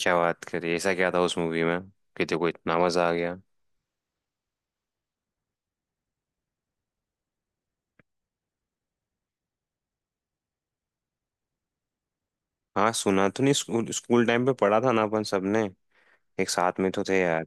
क्या बात करी? ऐसा क्या था उस मूवी में कि देखो इतना मजा आ गया। हाँ, सुना तो नहीं, स्कूल स्कूल टाइम पे पढ़ा था ना अपन सबने। एक साथ में तो थे यार।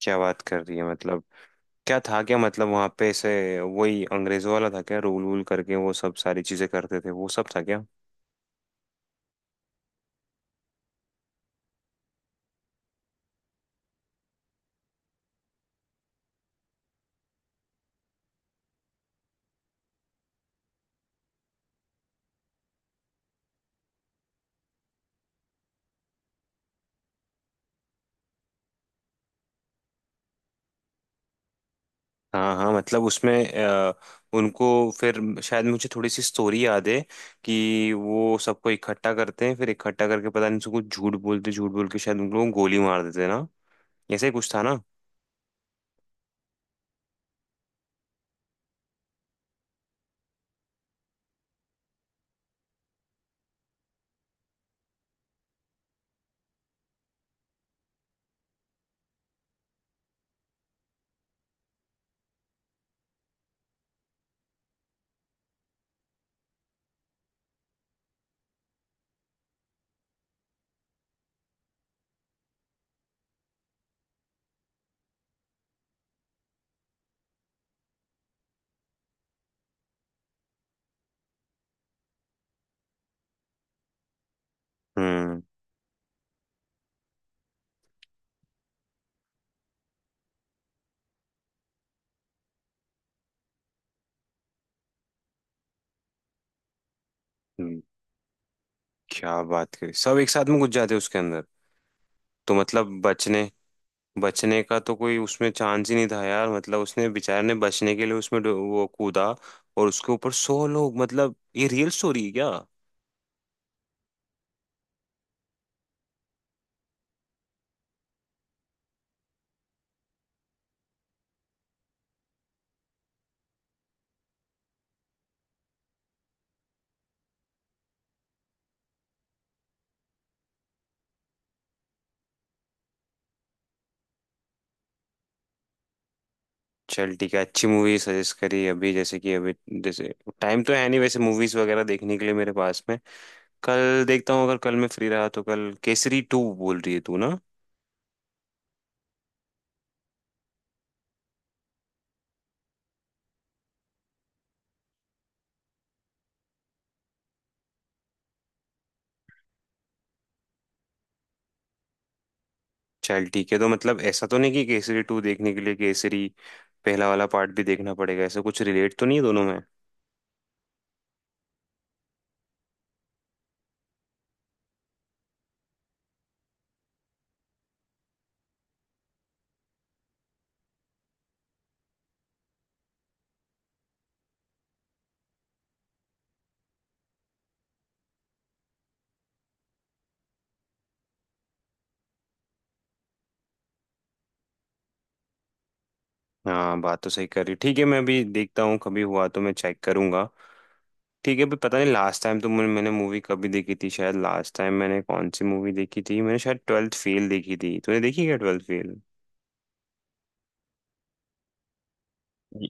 क्या बात कर रही है? मतलब क्या था क्या? मतलब वहां पे ऐसे वही अंग्रेजों वाला था क्या? रूल वूल करके वो सब सारी चीजें करते थे, वो सब था क्या? हाँ हाँ, मतलब उसमें उनको फिर शायद मुझे थोड़ी सी स्टोरी याद है कि वो सबको इकट्ठा करते हैं, फिर इकट्ठा करके पता नहीं उनको कुछ झूठ बोल के शायद उन लोगों को गोली मार देते हैं ना। ऐसे ही कुछ था ना। हम्म। हम्म। क्या बात करी? सब एक साथ में घुस जाते उसके अंदर, तो मतलब बचने बचने का तो कोई उसमें चांस ही नहीं था यार। मतलब उसने बेचारे ने बचने के लिए उसमें वो कूदा, और उसके ऊपर 100 लोग। मतलब ये रियल स्टोरी है क्या? चल ठीक है, अच्छी मूवी सजेस्ट करी। अभी जैसे कि अभी जैसे टाइम तो है नहीं वैसे मूवीज वगैरह देखने के लिए मेरे पास में। कल देखता हूँ, अगर कल मैं फ्री रहा तो। कल केसरी टू बोल रही है तू ना? चल ठीक है। तो मतलब ऐसा तो नहीं कि केसरी टू देखने के लिए केसरी पहला वाला पार्ट भी देखना पड़ेगा? ऐसा कुछ रिलेट तो नहीं है दोनों में? हाँ, बात तो सही कर रही। ठीक है, मैं अभी देखता हूँ, कभी हुआ तो मैं चेक करूंगा। ठीक है, अभी पता नहीं। लास्ट टाइम तो मैंने मैंने मूवी कभी देखी थी शायद। लास्ट टाइम मैंने कौन सी मूवी देखी थी? मैंने शायद ट्वेल्थ फेल देखी थी। तूने देखी क्या ट्वेल्थ फेल? य-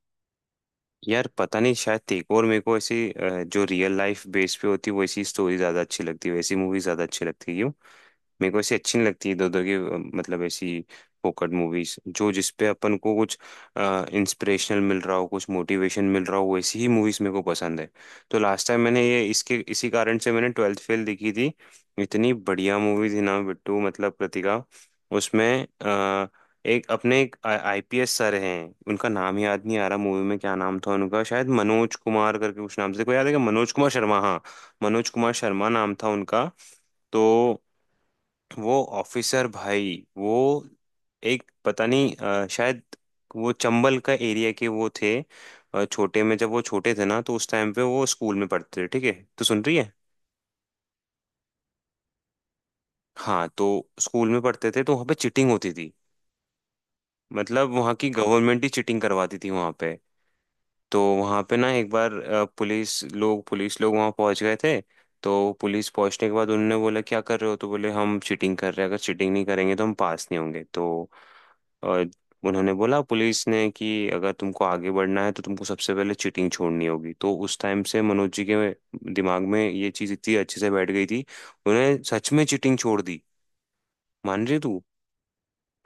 यार पता नहीं, शायद तेरे को और मेरे को ऐसी जो रियल लाइफ बेस पे होती है वैसी स्टोरी ज्यादा अच्छी लगती है, वैसी मूवी ज्यादा अच्छी लगती है क्यों? मेरे को ऐसी अच्छी नहीं लगती इधर उधर की, मतलब ऐसी फोकट मूवीज। जो जिसपे अपन को कुछ इंस्पिरेशनल मिल रहा हो, कुछ मोटिवेशन मिल रहा हो, वैसी ही मूवीज मेरे को पसंद है। तो लास्ट टाइम मैंने ये इसके इसी कारण से मैंने ट्वेल्थ फेल देखी थी। इतनी बढ़िया मूवी थी ना बिट्टू, मतलब कृतिका उसमें। अ, एक आईपीएस सर हैं, उनका नाम याद नहीं आ रहा मूवी में। क्या नाम था उनका? शायद मनोज कुमार करके कुछ नाम से, कोई याद है क्या? मनोज कुमार शर्मा, हाँ। मनोज कुमार शर्मा नाम था उनका। तो वो ऑफिसर भाई वो एक, पता नहीं शायद वो चंबल का एरिया के वो थे। छोटे में, जब वो छोटे थे ना, तो उस टाइम पे वो स्कूल में पढ़ते थे, ठीक है? तो सुन रही है? हाँ, तो स्कूल में पढ़ते थे तो वहाँ पे चिटिंग होती थी। मतलब वहाँ की गवर्नमेंट ही चिटिंग करवाती थी वहाँ पे। तो वहाँ पे ना एक बार पुलिस लोग वहाँ पहुँच गए थे। तो पुलिस पहुँचने के बाद उन्होंने बोला क्या कर रहे हो, तो बोले हम चीटिंग कर रहे हैं, अगर चीटिंग नहीं करेंगे तो हम पास नहीं होंगे। तो अ, उन्होंने बोला पुलिस ने कि अगर तुमको आगे बढ़ना है तो तुमको सबसे पहले चीटिंग छोड़नी होगी। तो उस टाइम से मनोज जी के दिमाग में ये चीज़ इतनी अच्छे से बैठ गई थी, उन्हें सच में चीटिंग छोड़ दी। मान रही तू?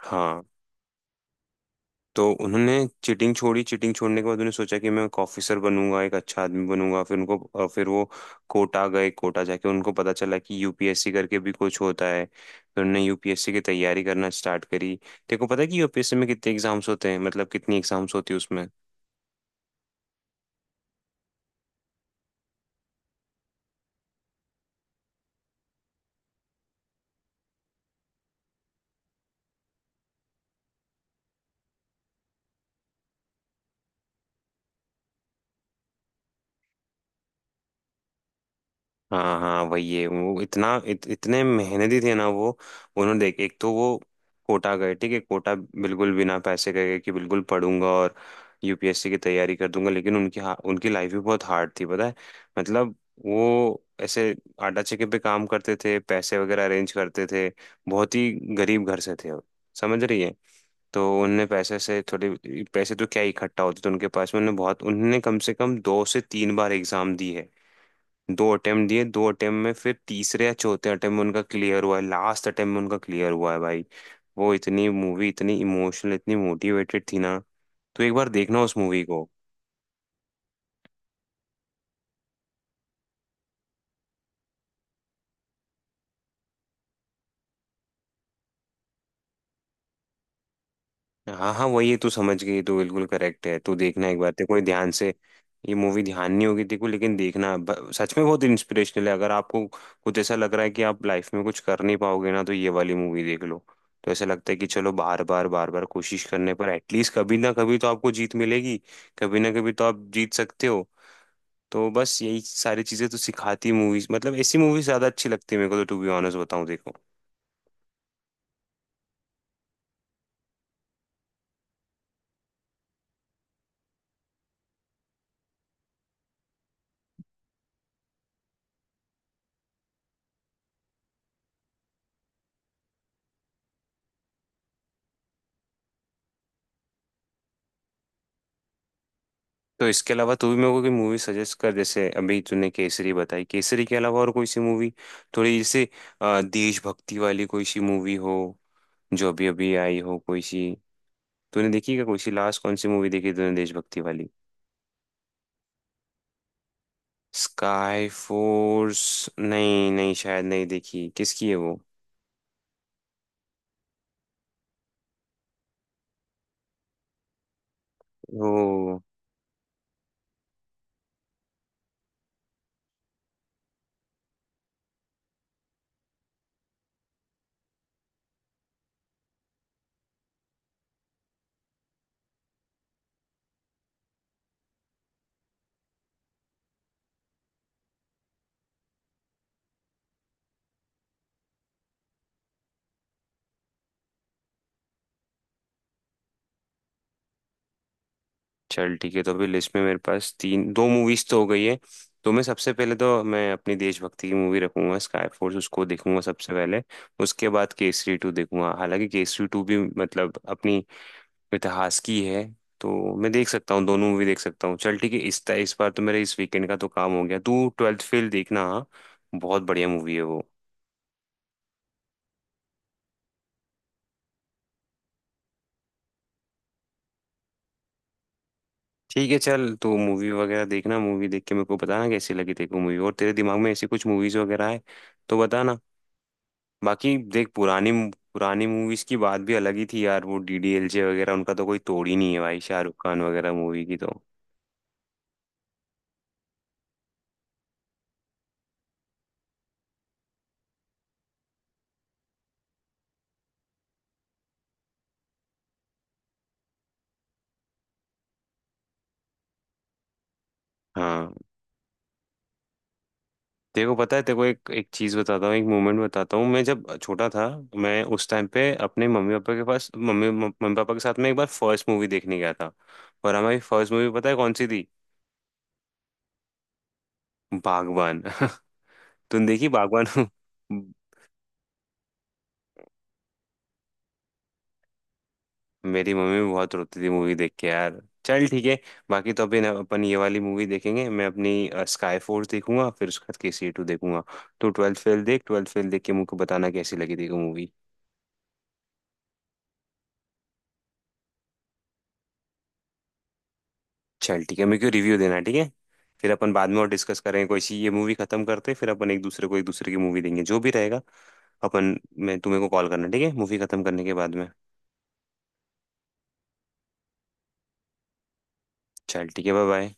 हाँ। तो उन्होंने चीटिंग छोड़ी, चीटिंग छोड़ने के बाद उन्होंने सोचा कि मैं एक ऑफिसर बनूंगा, एक अच्छा आदमी बनूंगा। फिर उनको, फिर वो कोटा गए। कोटा जाके उनको पता चला कि यूपीएससी करके भी कुछ होता है। फिर उन्होंने यूपीएससी की तैयारी करना स्टार्ट करी। तेरे को पता है कि यूपीएससी में कितने एग्जाम्स होते हैं, मतलब कितनी एग्जाम्स होती है उसमें? हाँ हाँ, वही है वो। इतना इतने मेहनती थे ना वो। उन्होंने देख, एक तो वो कोटा गए ठीक है, कोटा बिल्कुल बिना पैसे के गए कि बिल्कुल पढ़ूंगा और यूपीएससी की तैयारी कर दूंगा, लेकिन उनकी लाइफ भी बहुत हार्ड थी पता है। मतलब वो ऐसे आटा चक्की पे काम करते थे, पैसे वगैरह अरेंज करते थे, बहुत ही गरीब घर से थे वो, समझ रही है? तो उनने पैसे से थोड़े पैसे तो क्या ही इकट्ठा होते थे उनके पास में। उन्होंने बहुत, उन्होंने कम से कम 2 से 3 बार एग्जाम दी है। 2 अटेम्प्ट दिए, 2 अटेम्प्ट में फिर तीसरे या चौथे अटेम्प्ट में उनका क्लियर हुआ है। लास्ट अटेम्प्ट में उनका क्लियर हुआ है भाई। वो इतनी मूवी, इतनी इमोशनल, इतनी मोटिवेटेड थी ना, तो एक बार देखना उस मूवी को। हाँ हाँ, वही है, तू समझ गई, तू बिल्कुल करेक्ट है। तू देखना एक बार तेरे को ये ध्यान से। ये मूवी ध्यान नहीं होगी तेरे को, लेकिन देखना। सच में बहुत इंस्पिरेशनल है। अगर आपको कुछ ऐसा लग रहा है कि आप लाइफ में कुछ कर नहीं पाओगे ना, तो ये वाली मूवी देख लो। तो ऐसा लगता है कि चलो, बार बार बार बार कोशिश करने पर एटलीस्ट कभी ना कभी तो आपको जीत मिलेगी। कभी ना कभी तो आप जीत सकते हो। तो बस यही सारी चीजें तो सिखाती मूवीज, मतलब ऐसी मूवीज ज्यादा अच्छी लगती है मेरे को, तो टू बी ऑनेस्ट बताऊं देखो। तो इसके अलावा तू भी मेरे को कोई मूवी सजेस्ट कर। जैसे अभी तूने केसरी बताई, केसरी के अलावा और कोई सी मूवी थोड़ी जैसे देशभक्ति वाली कोई सी मूवी हो जो अभी अभी आई हो कोई सी। तूने देखी क्या कोई सी? लास्ट कौन सी मूवी देखी तूने देशभक्ति वाली? Sky force? नहीं नहीं, शायद नहीं देखी। किसकी है वो? ओ, चल ठीक है, तो अभी लिस्ट में मेरे पास तीन, दो मूवीज तो हो गई है। तो मैं सबसे पहले तो मैं अपनी देशभक्ति की मूवी रखूंगा स्काई फोर्स, उसको देखूंगा सबसे पहले। उसके बाद केसरी टू देखूंगा, हालांकि केसरी टू भी मतलब अपनी इतिहास की है। तो मैं देख सकता हूँ, दोनों मूवी देख सकता हूँ। चल ठीक है, इस बार तो मेरे इस वीकेंड का तो काम हो गया। तू ट्वेल्थ फेल देखना, हाँ? बहुत बढ़िया मूवी है वो। ठीक है चल, तो मूवी वगैरह देखना, मूवी देख के मेरे को बताना कैसी लगी तेरे को मूवी। और तेरे दिमाग में ऐसी कुछ मूवीज वगैरह है तो बताना। बाकी देख, पुरानी पुरानी मूवीज की बात भी अलग ही थी यार। वो डीडीएलजे वगैरह उनका तो कोई तोड़ ही नहीं है भाई, शाहरुख खान वगैरह मूवी की तो। हाँ, तेरे को पता है, तेरे को एक एक चीज बताता हूँ, एक मोमेंट बताता हूँ। मैं जब छोटा था, मैं उस टाइम पे अपने मम्मी पापा के पास मम्मी मम्मी पापा के साथ में एक बार फर्स्ट मूवी देखने गया था। और हमारी फर्स्ट मूवी पता है कौन सी थी? बागबान। तुम देखी बागबान? मेरी मम्मी भी बहुत रोती थी मूवी देख के यार। चल ठीक है। बाकी तो अभी ना अपन ये वाली मूवी देखेंगे, मैं अपनी स्काई फोर्स देखूंगा, फिर उसके बाद के सी टू देखूंगा। तो ट्वेल्थ फेल देख, ट्वेल्थ फेल देख के मुझको बताना कैसी लगी थी मूवी। चल ठीक है, मेरे को रिव्यू देना ठीक है? फिर अपन बाद में और डिस्कस करेंगे कोई सी। ये मूवी खत्म करते हैं, फिर अपन एक दूसरे को एक दूसरे की मूवी देंगे जो भी रहेगा। अपन मैं तुम्हें को कॉल करना ठीक है मूवी खत्म करने के बाद में। चल ठीक है, बाय बाय।